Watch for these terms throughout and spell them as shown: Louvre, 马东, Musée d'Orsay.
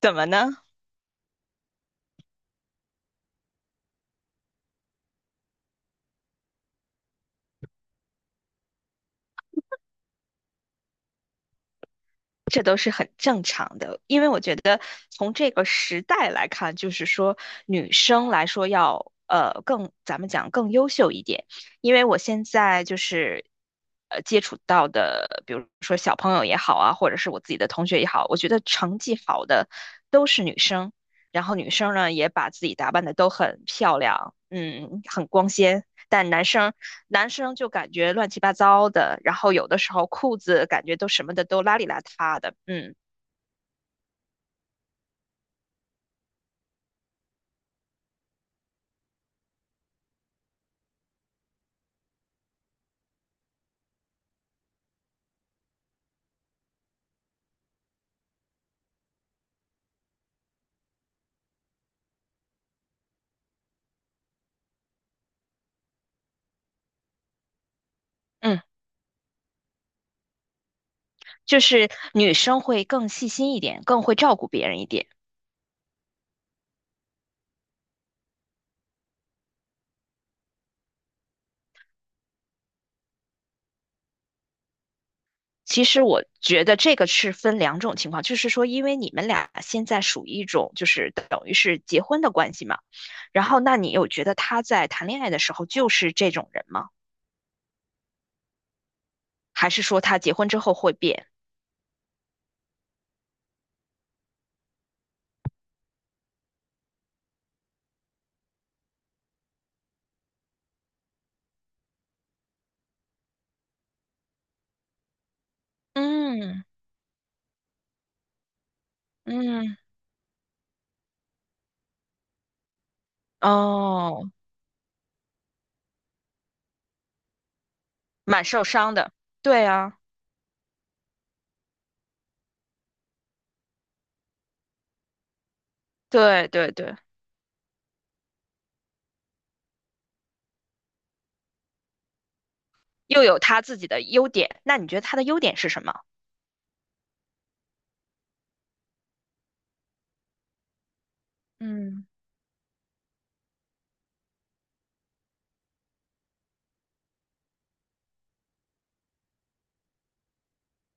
怎么呢？这都是很正常的，因为我觉得从这个时代来看，就是说女生来说要更，咱们讲更优秀一点，因为我现在就是接触到的，比如说小朋友也好啊，或者是我自己的同学也好，我觉得成绩好的都是女生，然后女生呢也把自己打扮的都很漂亮，嗯，很光鲜，但男生就感觉乱七八糟的，然后有的时候裤子感觉都什么的都邋里邋遢的，嗯，就是女生会更细心一点，更会照顾别人一点。其实我觉得这个是分两种情况，就是说，因为你们俩现在属于一种就是等于是结婚的关系嘛，然后那你有觉得他在谈恋爱的时候就是这种人吗？还是说他结婚之后会变？嗯嗯，哦，蛮受伤的。对啊，对对对。又有他自己的优点，那你觉得他的优点是什么？嗯，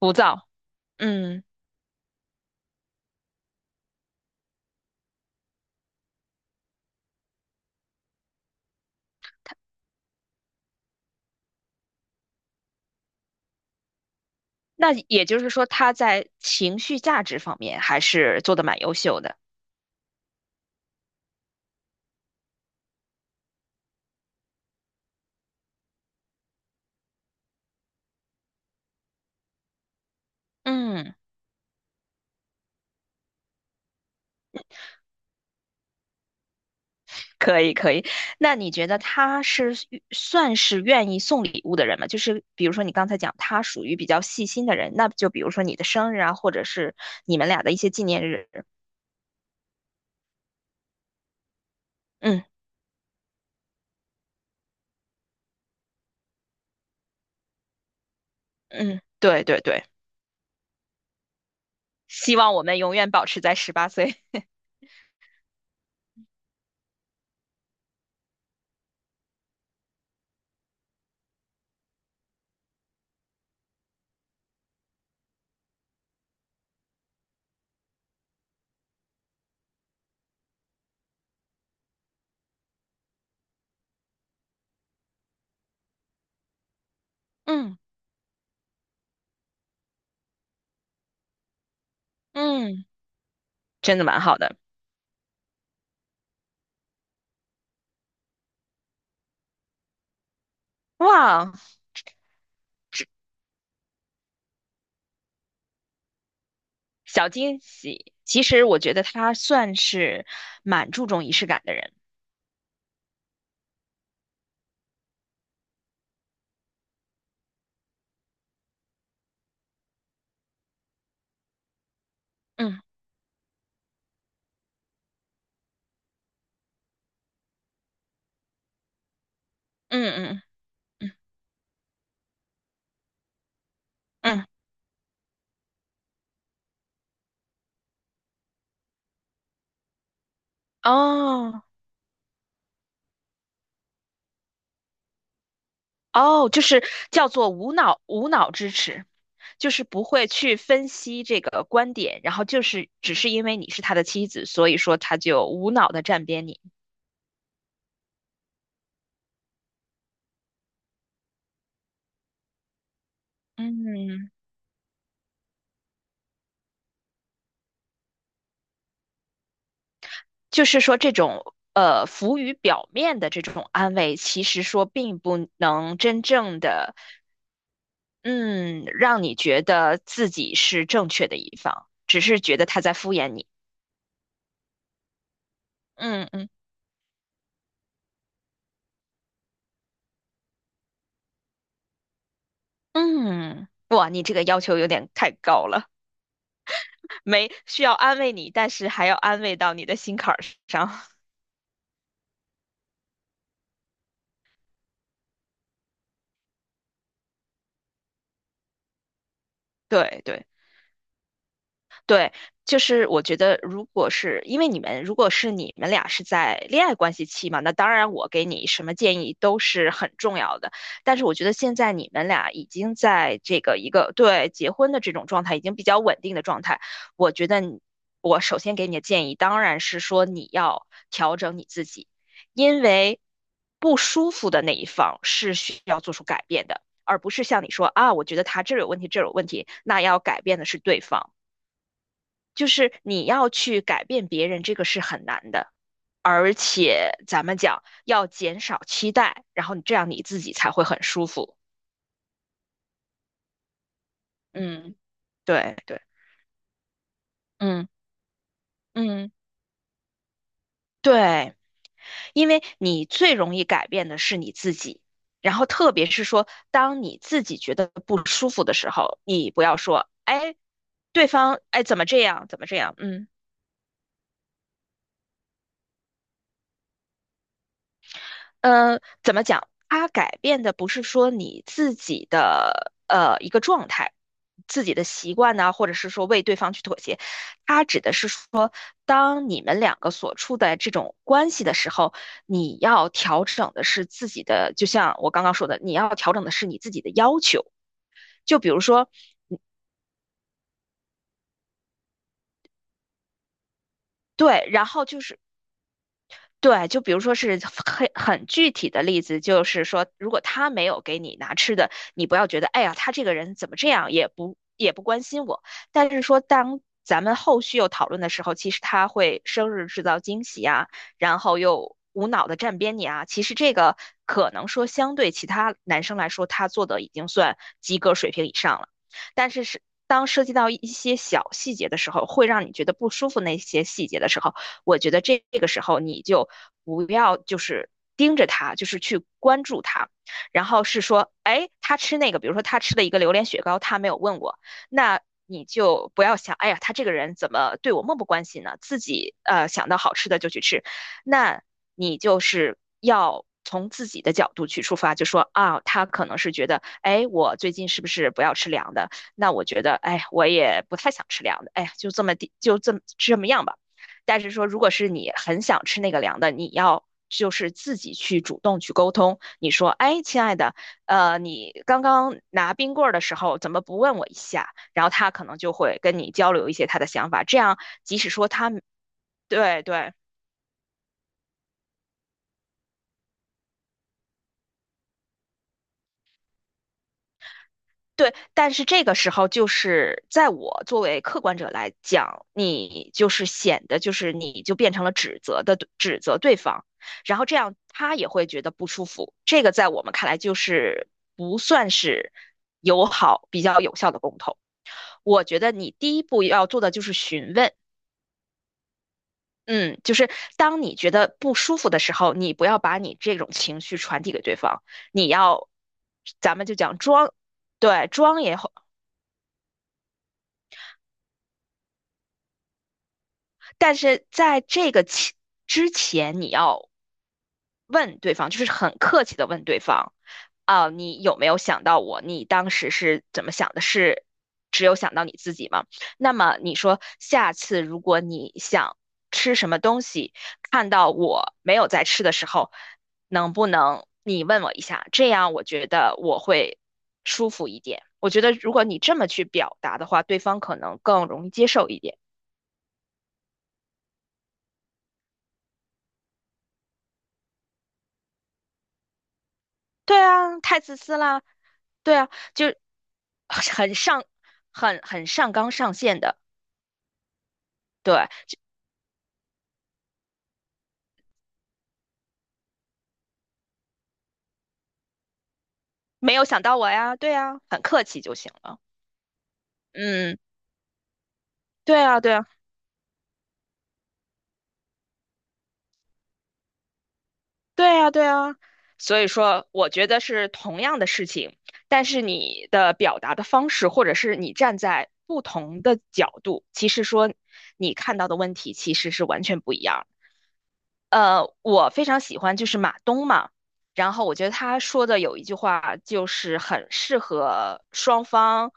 浮躁。嗯，那也就是说他在情绪价值方面还是做的蛮优秀的。嗯，可以可以。那你觉得他是算是愿意送礼物的人吗？就是比如说你刚才讲他属于比较细心的人，那就比如说你的生日啊，或者是你们俩的一些纪念日。嗯嗯，对对对，希望我们永远保持在18岁。嗯嗯，真的蛮好的。哇，小惊喜。其实我觉得他算是蛮注重仪式感的人。嗯嗯嗯嗯嗯，哦哦，就是叫做无脑支持，就是不会去分析这个观点，然后就是只是因为你是他的妻子，所以说他就无脑的站边你。嗯，就是说这种浮于表面的这种安慰，其实说并不能真正的。嗯，让你觉得自己是正确的一方，只是觉得他在敷衍你。嗯嗯嗯，哇，你这个要求有点太高了，没需要安慰你，但是还要安慰到你的心坎儿上。对对。对，就是我觉得，如果是因为你们，如果是你们俩是在恋爱关系期嘛，那当然我给你什么建议都是很重要的。但是我觉得现在你们俩已经在这个一个对结婚的这种状态，已经比较稳定的状态。我觉得你我首先给你的建议当然是说你要调整你自己，因为不舒服的那一方是需要做出改变的，而不是像你说啊，我觉得他这儿有问题，这儿有问题，那要改变的是对方。就是你要去改变别人，这个是很难的。而且咱们讲要减少期待，然后你这样你自己才会很舒服。嗯，对对，嗯嗯，对，因为你最容易改变的是你自己。然后特别是说，当你自己觉得不舒服的时候，你不要说，哎，对方，哎，怎么这样，怎么这样，嗯。怎么讲？它改变的不是说你自己的一个状态、自己的习惯呢，或者是说为对方去妥协，它指的是说，当你们两个所处的这种关系的时候，你要调整的是自己的，就像我刚刚说的，你要调整的是你自己的要求。就比如说，对，然后就是对，就比如说是很具体的例子，就是说，如果他没有给你拿吃的，你不要觉得，哎呀，他这个人怎么这样，也不关心我。但是说，当咱们后续又讨论的时候，其实他会生日制造惊喜啊，然后又无脑的站边你啊。其实这个可能说相对其他男生来说，他做的已经算及格水平以上了，但是是。当涉及到一些小细节的时候，会让你觉得不舒服。那些细节的时候，我觉得这个时候你不要就是盯着他，就是去关注他，然后是说，哎，他吃那个，比如说他吃了一个榴莲雪糕，他没有问我，那。你就不要想，哎呀，他这个人怎么对我漠不关心呢？自己想到好吃的就去吃，那你就是要从自己的角度去出发，就说啊，他可能是觉得，哎，我最近是不是不要吃凉的？那我觉得，哎，我也不太想吃凉的，哎，就这么地，就这么样吧。但是说，如果是你很想吃那个凉的，你要就是自己去主动去沟通。你说，哎，亲爱的，你刚刚拿冰棍儿的时候怎么不问我一下？然后他可能就会跟你交流一些他的想法，这样即使说他对对对，但是这个时候就是在我作为客观者来讲，你就是显得就是你就变成了指责对方，然后这样他也会觉得不舒服。这个在我们看来就是不算是友好、比较有效的沟通。我觉得你第一步要做的就是询问，嗯，就是当你觉得不舒服的时候，你不要把你这种情绪传递给对方，你要，咱们就讲装。对，装也好。但是在这个之前，你要问对方，就是很客气的问对方，啊，你有没有想到我？你当时是怎么想的？是只有想到你自己吗？那么你说下次如果你想吃什么东西，看到我没有在吃的时候，能不能你问我一下？这样我觉得我会舒服一点。我觉得如果你这么去表达的话，对方可能更容易接受一点。对啊，太自私啦！对啊，就很上，很上纲上线的，对，没有想到我呀，对啊，很客气就行了。嗯，对啊，对啊，对啊，对啊。所以说，我觉得是同样的事情，但是你的表达的方式，或者是你站在不同的角度，其实说你看到的问题其实是完全不一样。我非常喜欢就是马东嘛，然后我觉得他说的有一句话就是很适合双方，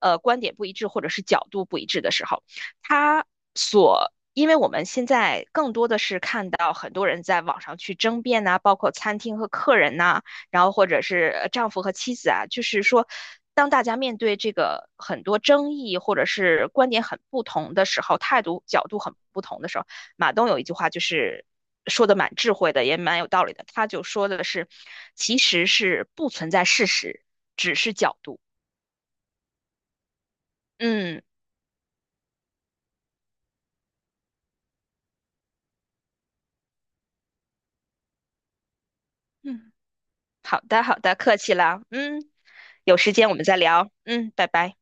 观点不一致或者是角度不一致的时候，他因为我们现在更多的是看到很多人在网上去争辩呐、包括餐厅和客人呐、然后或者是丈夫和妻子啊，就是说，当大家面对这个很多争议或者是观点很不同的时候，态度角度很不同的时候。马东有一句话就是说的蛮智慧的，也蛮有道理的。他就说的是，其实是不存在事实，只是角度。嗯嗯，好的好的，客气了。嗯，有时间我们再聊。嗯，拜拜。